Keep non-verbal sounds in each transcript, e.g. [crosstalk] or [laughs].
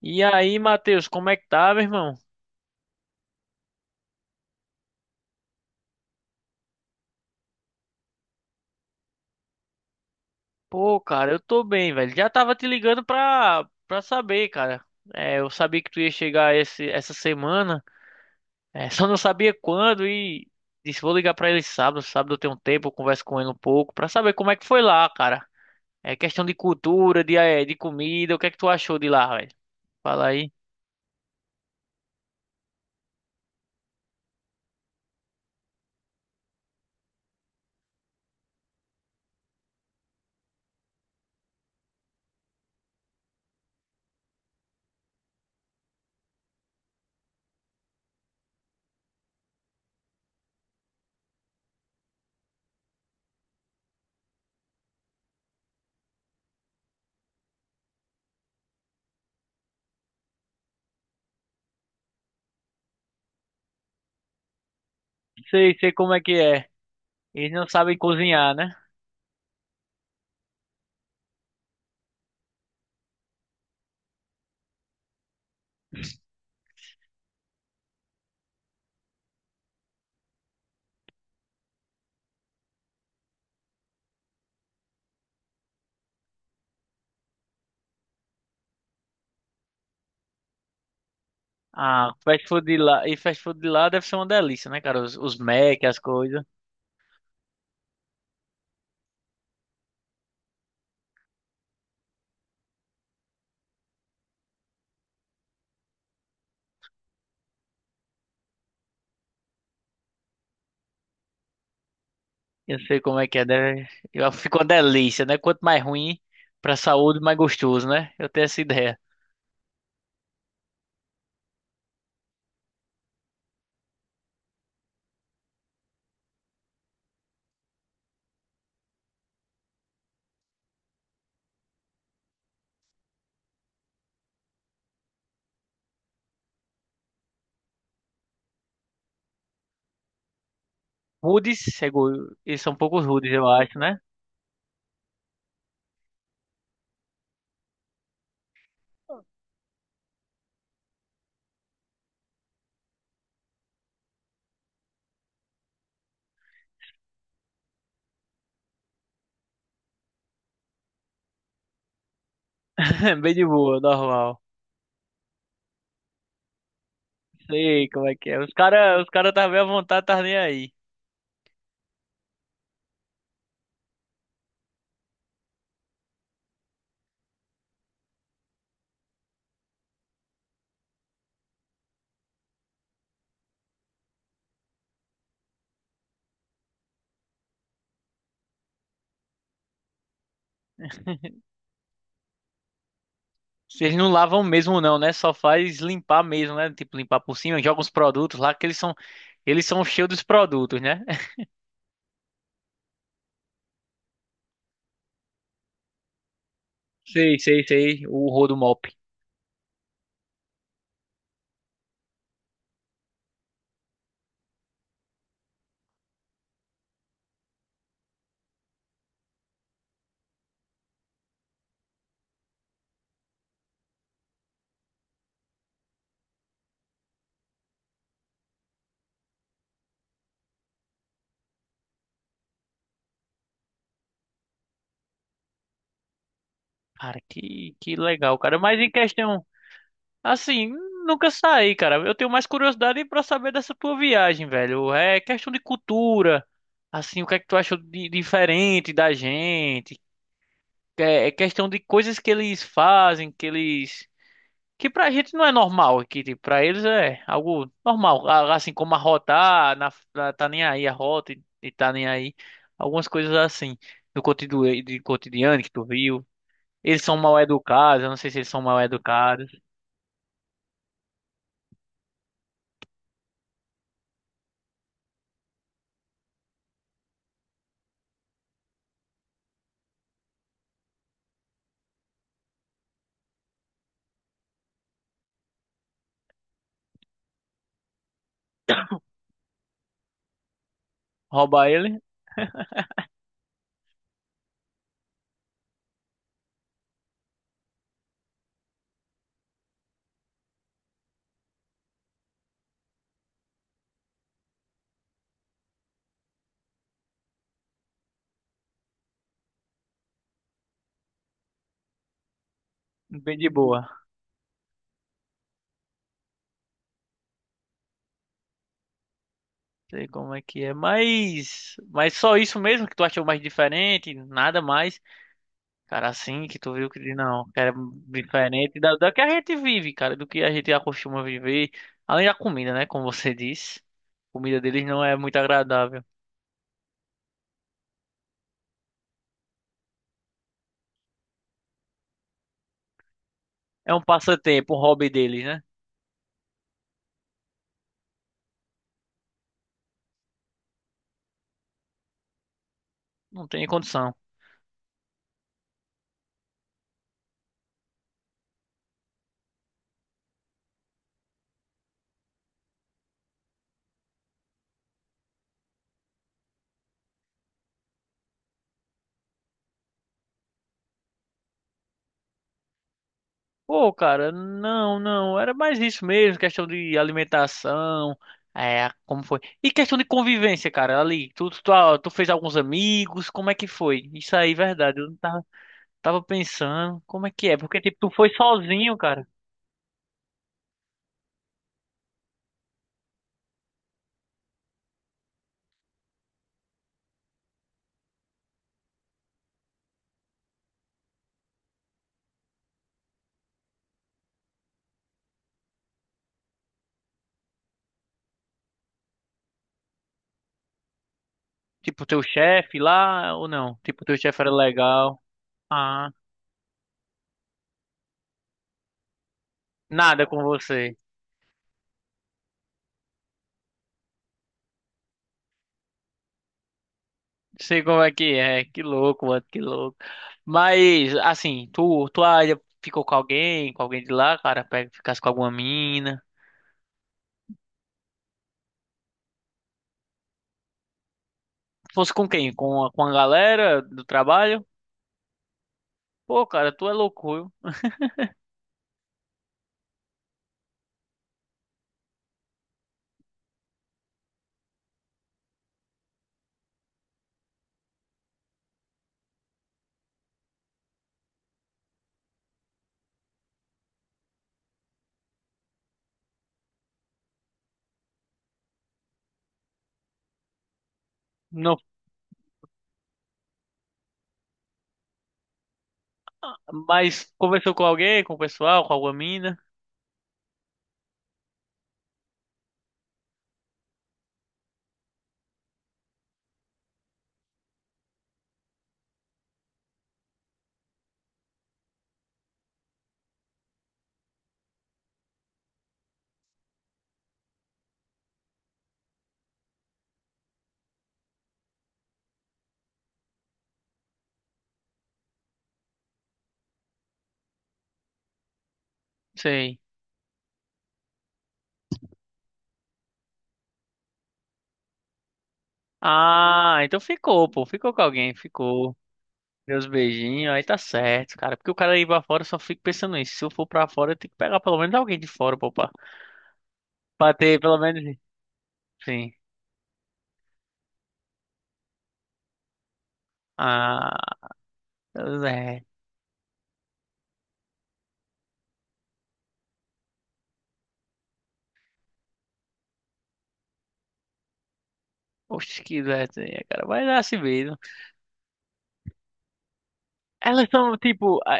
E aí, Matheus, como é que tá, meu irmão? Pô, cara, eu tô bem, velho. Já tava te ligando pra saber, cara. É, eu sabia que tu ia chegar essa semana, [laughs] só não sabia quando e disse, vou ligar pra ele sábado. Sábado eu tenho um tempo, eu converso com ele um pouco, pra saber como é que foi lá, cara. É questão de cultura, de, de comida, o que é que tu achou de lá, velho? Fala aí. Sei, sei como é que é. Eles não sabem cozinhar, né? Ah, fast food de lá, e fast food de lá deve ser uma delícia, né, cara? Os Mac, as coisas. Eu sei como é que é, né? Fica uma delícia, né? Quanto mais ruim pra saúde, mais gostoso, né? Eu tenho essa ideia. Rudes, seguro. Eles são poucos rudes, eu acho, né? [laughs] Bem de boa, normal. Sei como é que é. Os cara tá bem à vontade, tá nem aí. Vocês não lavam mesmo não, né? Só faz limpar mesmo, né? Tipo, limpar por cima, joga os produtos lá que eles são cheios dos produtos, né? [laughs] Sei, sei, sei, o rodo mop. Cara, que legal, cara. Mas em questão. Assim, nunca saí, cara. Eu tenho mais curiosidade pra saber dessa tua viagem, velho. É questão de cultura. Assim, o que é que tu achou de diferente da gente? É, é questão de coisas que eles fazem, que eles que pra gente não é normal, que tipo, pra eles é algo normal, assim como arrotar, tá nem aí a rota e tá nem aí. Algumas coisas assim do cotidiano, de cotidiano que tu viu. Eles são mal educados, eu não sei se eles são mal educados. Roubar ele, bem de boa. Sei como é que é, mas só isso mesmo que tu achou mais diferente, nada mais, cara, assim que tu viu que diz, não, cara, diferente da que a gente vive, cara, do que a gente acostuma viver, além da comida, né, como você disse, a comida deles não é muito agradável, é um passatempo, um hobby deles, né, não tem condição. Pô, cara, não, não, era mais isso mesmo, questão de alimentação, é, como foi? E questão de convivência, cara, ali, tu fez alguns amigos, como é que foi? Isso aí, verdade, eu não tava, tava pensando, como é que é? Porque, tipo, tu foi sozinho, cara, tipo, teu chefe lá, ou não? Tipo, teu chefe era legal, ah, nada com você. Sei como é, que louco, mano, que louco. Mas, assim, tu ainda ficou com alguém de lá, cara, pega, ficasse com alguma mina... Fosse com quem? Com com a galera do trabalho? Pô, cara, tu é louco, viu? Não, mas conversou com alguém, com o pessoal, com alguma mina? Sei. Ah, então ficou, pô. Ficou com alguém, ficou. Meus beijinhos, aí tá certo, cara. Porque o cara ir pra fora, eu só fico pensando nisso. Se eu for pra fora, eu tenho que pegar pelo menos alguém de fora, pô, pra, pra ter pelo menos. Sim. Ah, é. Oxe, que ideia, cara. Vai lá se ver. Né? Elas são tipo. A-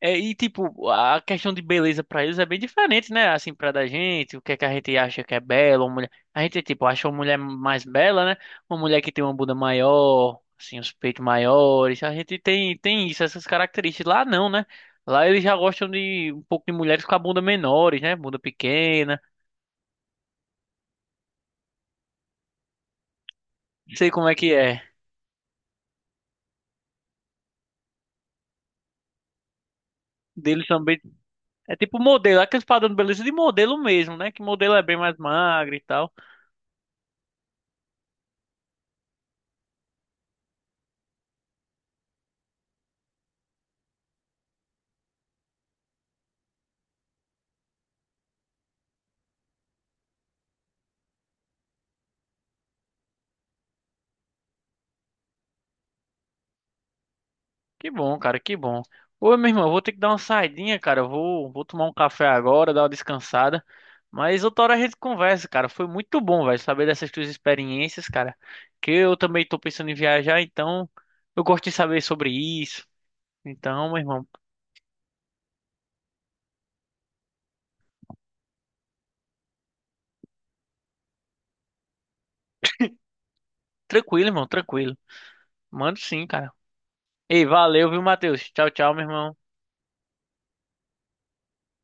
é, e tipo, a questão de beleza pra eles é bem diferente, né? Assim, pra da gente, o que é que a gente acha que é bela, uma mulher. A gente, tipo, acha uma mulher mais bela, né? Uma mulher que tem uma bunda maior, assim, os peitos maiores. A gente tem isso, essas características. Lá não, né? Lá eles já gostam de um pouco de mulheres com a bunda menores, né? Bunda pequena. Sei como é que é. Deles também. É tipo modelo, aqueles padrão de beleza de modelo mesmo, né? Que modelo é bem mais magro e tal. Que bom, cara, que bom. Ô, meu irmão, eu vou ter que dar uma saidinha, cara. Vou tomar um café agora, dar uma descansada. Mas outra hora a gente conversa, cara. Foi muito bom, velho, saber dessas tuas experiências, cara. Que eu também tô pensando em viajar, então eu gosto de saber sobre isso. Então, meu irmão, tranquilo, irmão, tranquilo. Mando sim, cara. Ei, valeu, viu, Matheus? Tchau, tchau, meu irmão.